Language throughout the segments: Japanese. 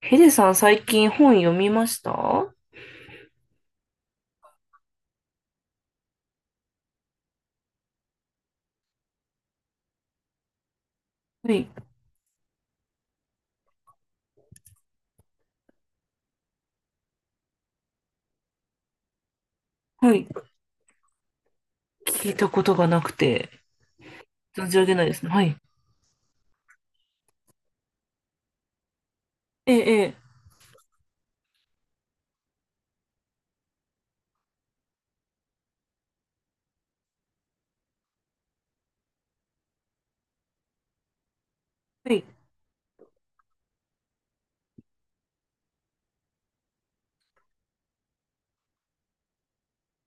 ヘデさん、最近本読みました？はい。はい。聞いたことがなくて、存じ上げないですね。はい。ええ、ええ、はい。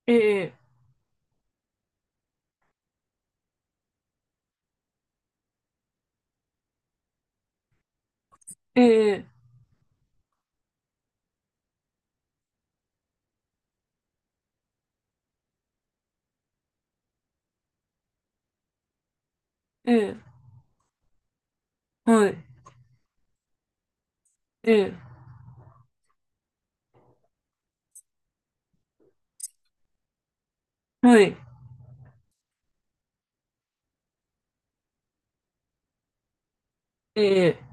ええ、ええ、ええ、はい。ええ、はい。ええ、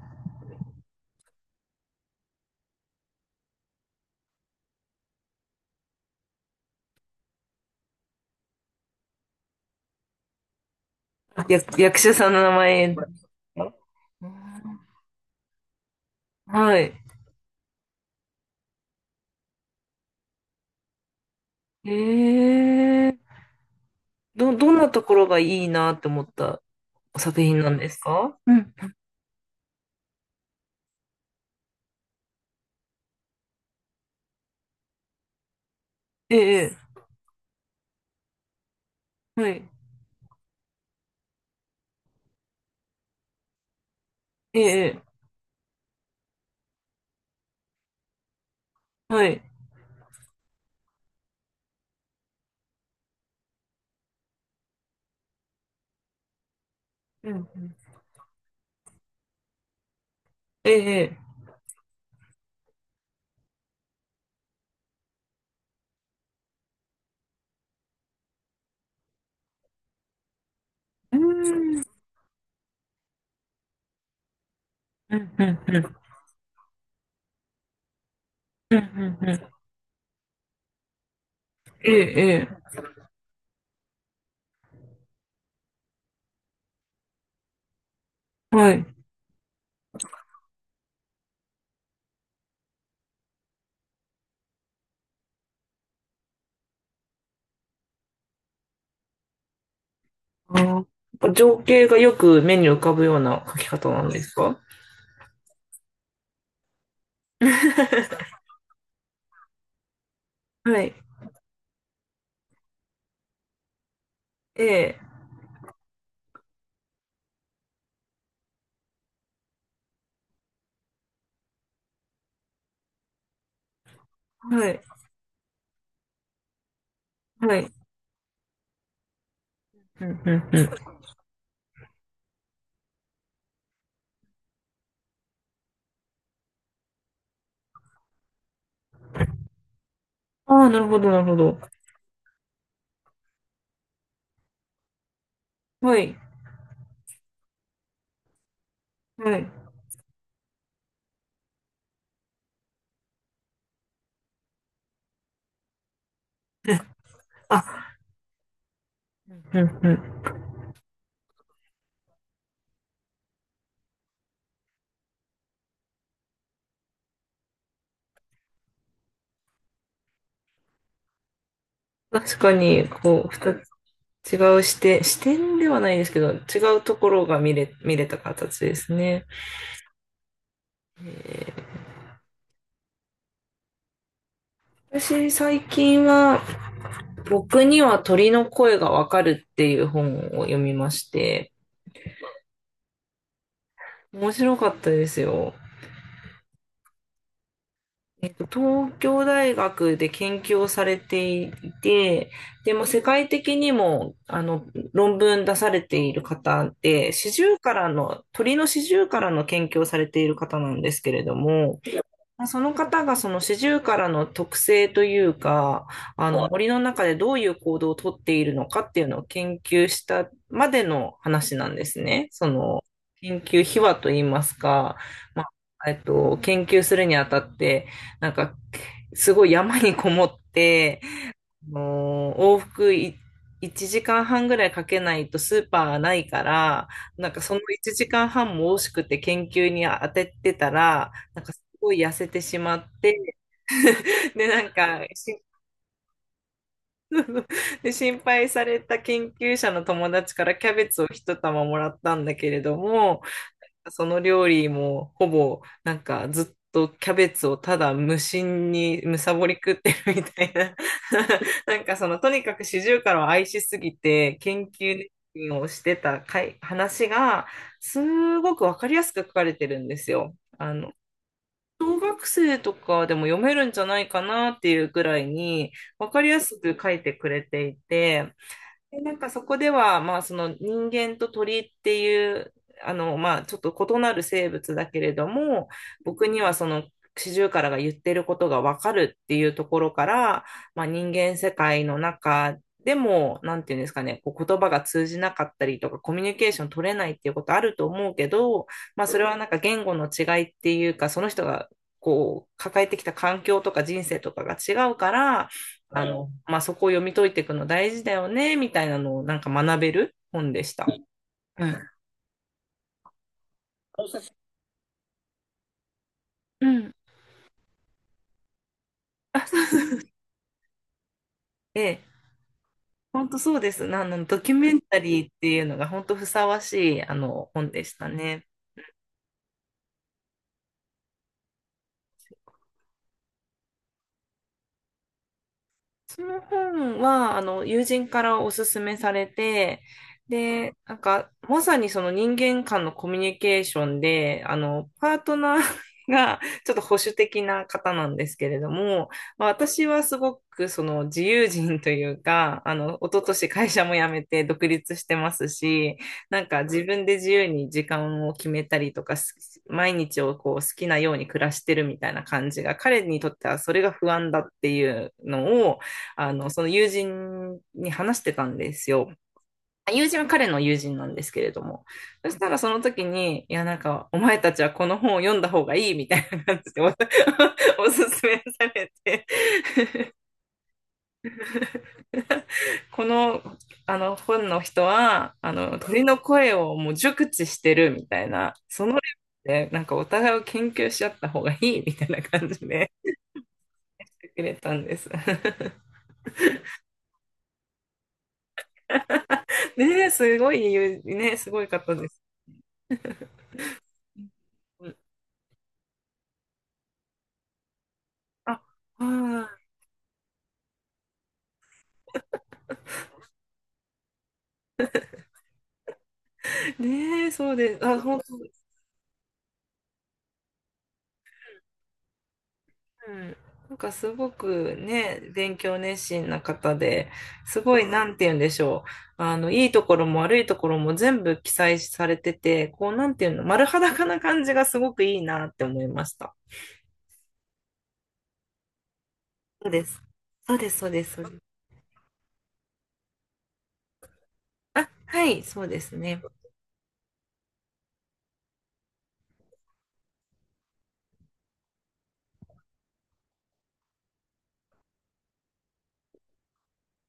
あ、役、役者さんの名前ですか？はい。ええ、ど、どんなところがいいなって思ったお作品なんですか？うん。ええ、はい。ええ、はい。うんうん。ええ、うん。うん、うん、うん、うん、うん。うん、え、ええ、はい。あー、やっぱ情景がよく目に浮かぶような書き方なんですか？はい。ええ、はい、はい。うん、うん、うん。ああ、なるほど、なるほど。はい、はい。あ、うん、うん。確かに、こう、二つ、違う視点、視点ではないですけど、違うところが見れ、見れた形ですね。私、最近は、僕には鳥の声がわかるっていう本を読みまして、面白かったですよ。東京大学で研究をされていて、でも世界的にもあの論文出されている方で、シジュウカラの、鳥のシジュウカラの研究をされている方なんですけれども、まあその方がそのシジュウカラの特性というか、あの森の中でどういう行動をとっているのかっていうのを研究したまでの話なんですね。その研究秘話といいますか、まあ、研究するにあたって、なんかすごい山にこもって、もう往復い1時間半ぐらいかけないとスーパーがないから、なんかその1時間半も惜しくて研究に当ててたら、なんかすごい痩せてしまって、で、なんかし、で、心配された研究者の友達からキャベツを一玉もらったんだけれども、その料理もほぼなんかずっとキャベツをただ無心にむさぼり食ってるみたいな。 なんかそのとにかくシジュウカラを愛しすぎて研究をしてたかい話がすごくわかりやすく書かれてるんですよ。あの、小学生とかでも読めるんじゃないかなっていうぐらいにわかりやすく書いてくれていて、で、なんかそこでは、まあ、その人間と鳥っていう、あの、まあ、ちょっと異なる生物だけれども、僕にはそのシジュウカラが言ってることがわかるっていうところから、まあ、人間世界の中でも、なんていうんですかね、こう言葉が通じなかったりとか、コミュニケーション取れないっていうことあると思うけど、まあ、それはなんか言語の違いっていうか、その人がこう、抱えてきた環境とか人生とかが違うから、あの、まあ、そこを読み解いていくの大事だよね、みたいなのをなんか学べる本でした。うん。うん、あ、そうそう。え、本当そうです。あの、ドキュメンタリーっていうのが本当ふさわしい、あの、本でしたね。その本は、あの、友人からおすすめされて、で、なんか、まさにその人間間のコミュニケーションで、あの、パートナー が、ちょっと保守的な方なんですけれども、まあ、私はすごくその自由人というか、あの、一昨年会社も辞めて独立してますし、なんか自分で自由に時間を決めたりとか、す、毎日をこう好きなように暮らしてるみたいな感じが、彼にとってはそれが不安だっていうのを、あの、その友人に話してたんですよ。友人は彼の友人なんですけれども。そしたらその時に、いや、なんか、お前たちはこの本を読んだ方がいいみたいな感じでお おすすめされて。 この、あの、本の人は、あの、鳥の声をもう熟知してるみたいな、そのレベルで、なんかお互いを研究し合った方がいいみたいな感じで くれたんです。ね、すごいね、すごい方です。うん、あ、はい。ねえ、そうです。あ、本当です。うん。なんかすごくね、勉強熱心な方で、すごい、なんて言うんでしょう。あの、いいところも悪いところも全部記載されてて、こう、なんていうの、丸裸な感じがすごくいいなって思いました。そうです。そうです、そうです、そうです。あ、はい、そうですね。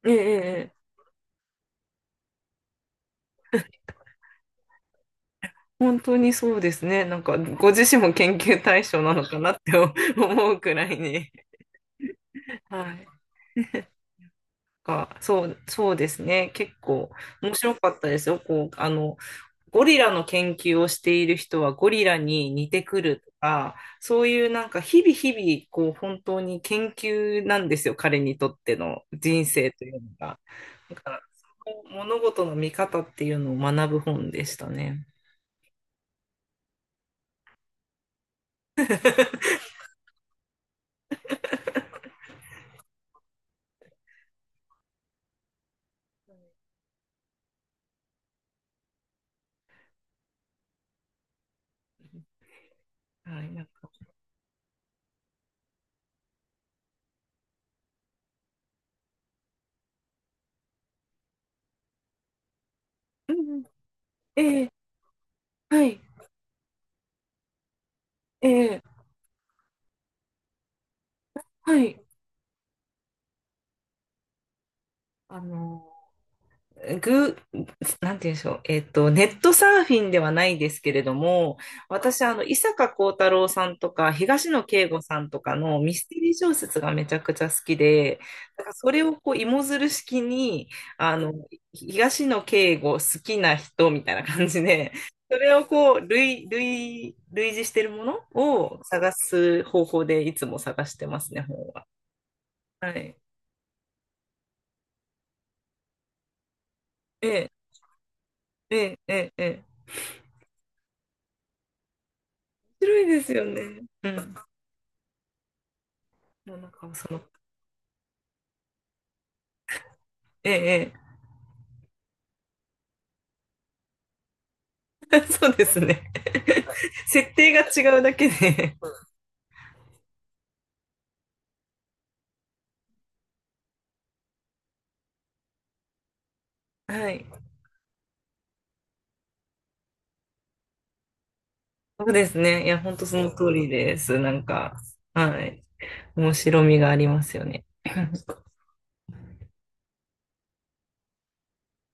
ええ、ええ、ええ、本当にそうですね。なんか、ご自身も研究対象なのかなって思うくらいに。はい。か、そう、そうですね。結構面白かったですよ。こう、あの、ゴリラの研究をしている人はゴリラに似てくるとか、そういうなんか日々日々、こう、本当に研究なんですよ。彼にとっての人生というのが。だから、その物事の見方っていうのを学ぶ本でしたね。はい、なんか、うんうん、ええ、はい、ええ、はい。あの、ぐ、なんて言うんでしょう。ネットサーフィンではないですけれども、私、あの、伊坂幸太郎さんとか、東野圭吾さんとかのミステリー小説がめちゃくちゃ好きで、だからそれをこう、芋づる式に、あの、東野圭吾好きな人みたいな感じで、それをこう、類、類、類似してるものを探す方法でいつも探してますね、本は。はい。ええ、ええ、ええ、ええ、面白いですよね。うん。もうなんかその、ええ、ええ。 そうですね。設定が違うだけで。 はい。そうですね。いや、本当その通りです。なんか、はい。面白みがありますよね。